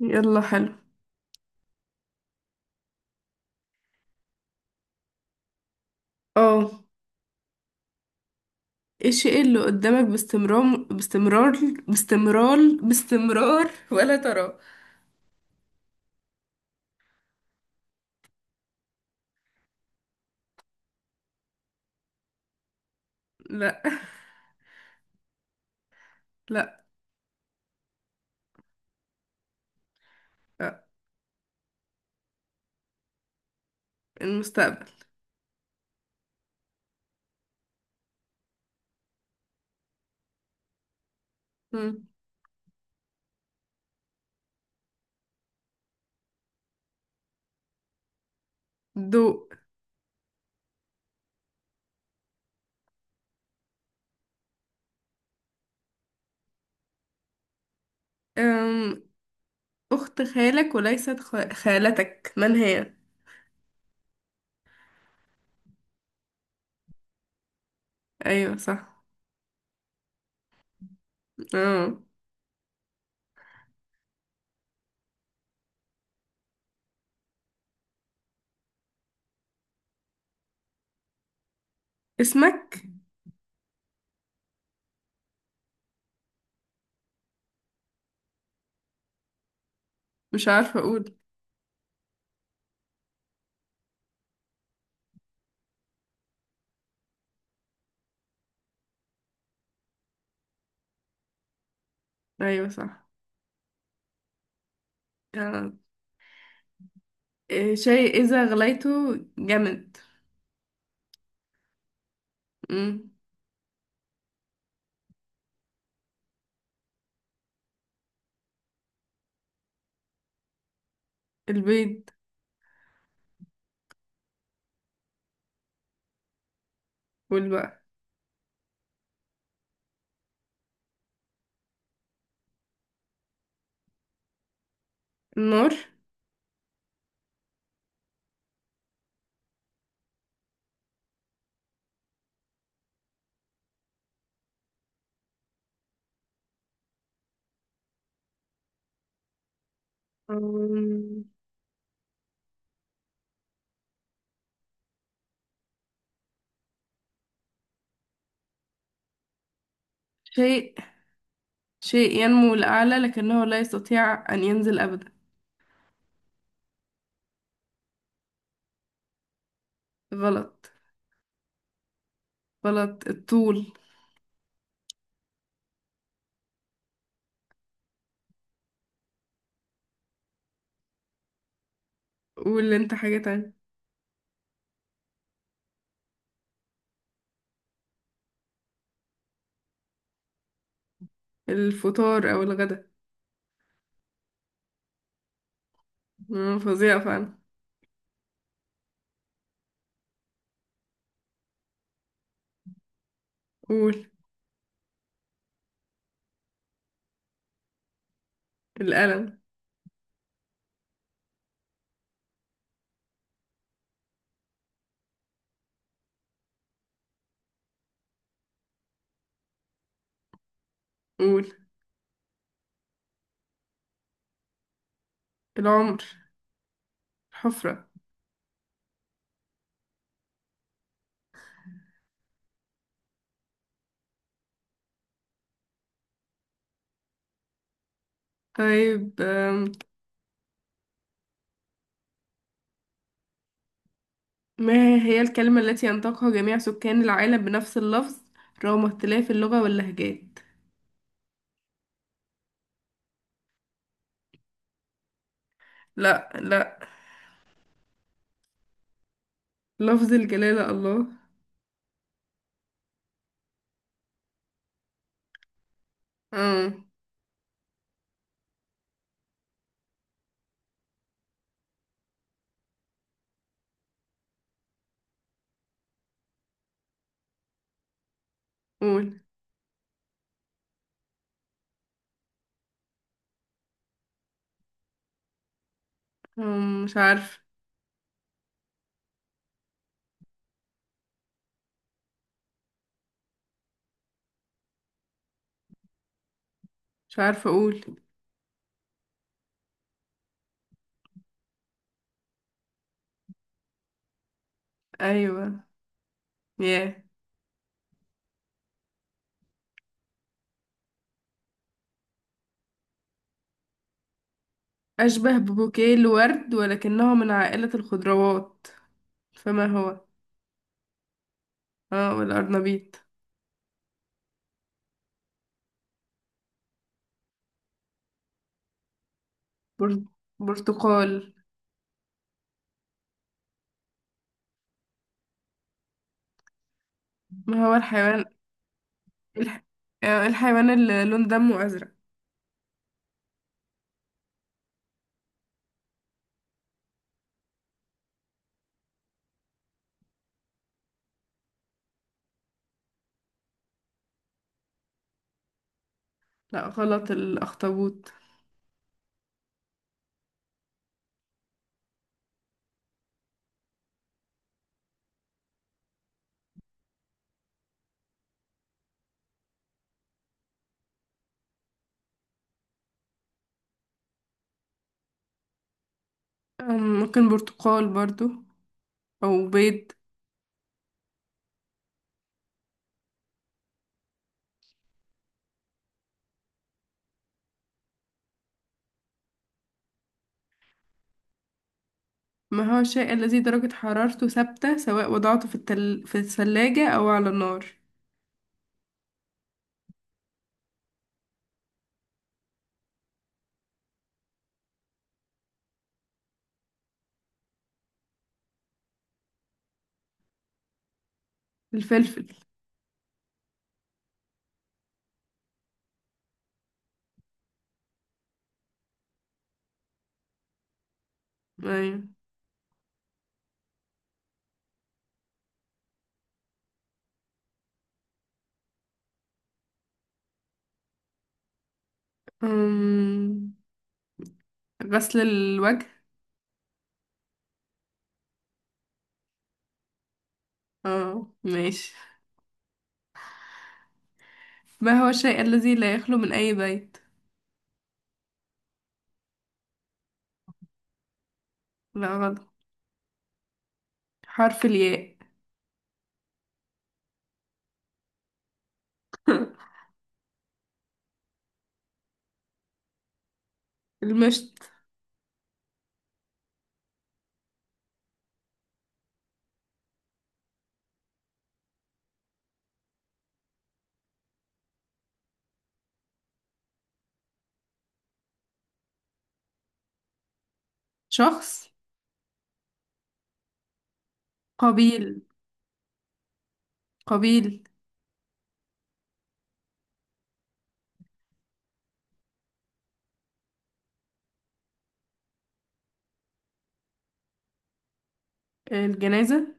يلا حلو. اه. الشيء اللي قدامك باستمرار باستمرار باستمرار باستمرار ولا تراه. لا، لا، لا. المستقبل. مم. ضوء. أم... أخت خالك وليست خالتك، من هي؟ أيوة صح. اه. اسمك. مش عارفة أقول. أيوة صح. آه. شيء إذا غليته جمد. مم. البيض. والبقر. النار. أم... شيء شيء ينمو لأعلى لكنه لا يستطيع أن ينزل أبدا. غلط. غلط الطول. قول أنت حاجة تانية. الفطار أو الغدا. مم، فظيعة فعلا. قول. الألم. قول. العمر. الحفرة. طيب. ما هي الكلمة التي ينطقها جميع سكان العالم بنفس اللفظ رغم اختلاف اللغة واللهجات؟ لا، لا. لفظ الجلالة الله. اه. قول. مش عارف. مش عارفة أقول. أيوة. ياه. أشبه ببouquet الورد ولكنه من عائلة الخضروات، فما هو؟ اه، والأرنبيط. بر- برتقال. ما هو الحيوان؟ الح... آه، الحيوان اللي لون دمه أزرق. لا غلط. الأخطبوط. ممكن برتقال برضو، أو بيض. ما هو الشيء الذي درجة حرارته ثابتة سواء وضعته في في الثلاجة أو على النار؟ الفلفل. أيوة. أم، غسل الوجه. اه ماشي. ما هو الشيء الذي لا يخلو من أي بيت؟ لا غلط. حرف الياء. المشط. شخص. قبيل. قبيل. الجنازة.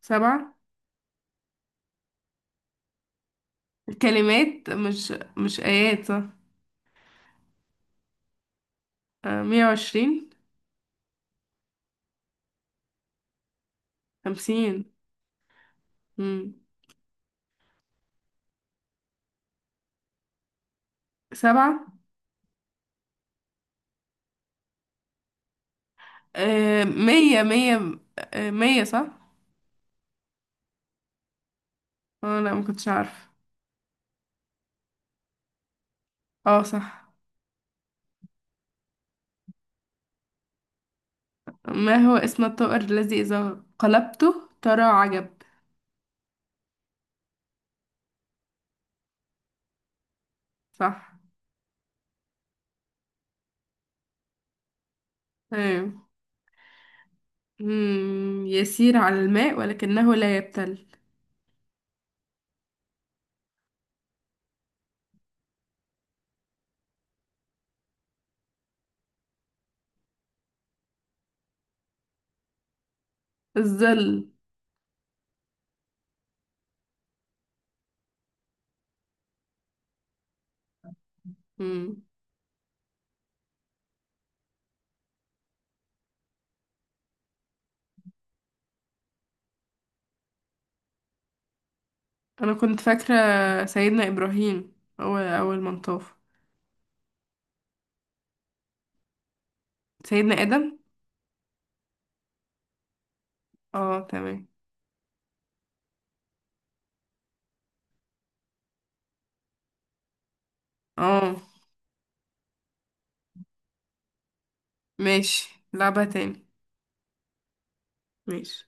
سبعة. الكلمات، مش آيات صح. آه، 120. 50. مم. سبعة. آه، 100 100. آه، 100 صح. اه، لا ما كنتش عارف. اه صح. ما هو اسم الطائر الذي إذا قلبته ترى عجب؟ صح. ايوه. مم. يسير على الماء ولكنه لا يبتل. الظل. مم. أنا كنت فاكرة سيدنا إبراهيم هو أول من طاف. سيدنا آدم. اه تمام. اه ماشي، لعبة تاني. ماشي.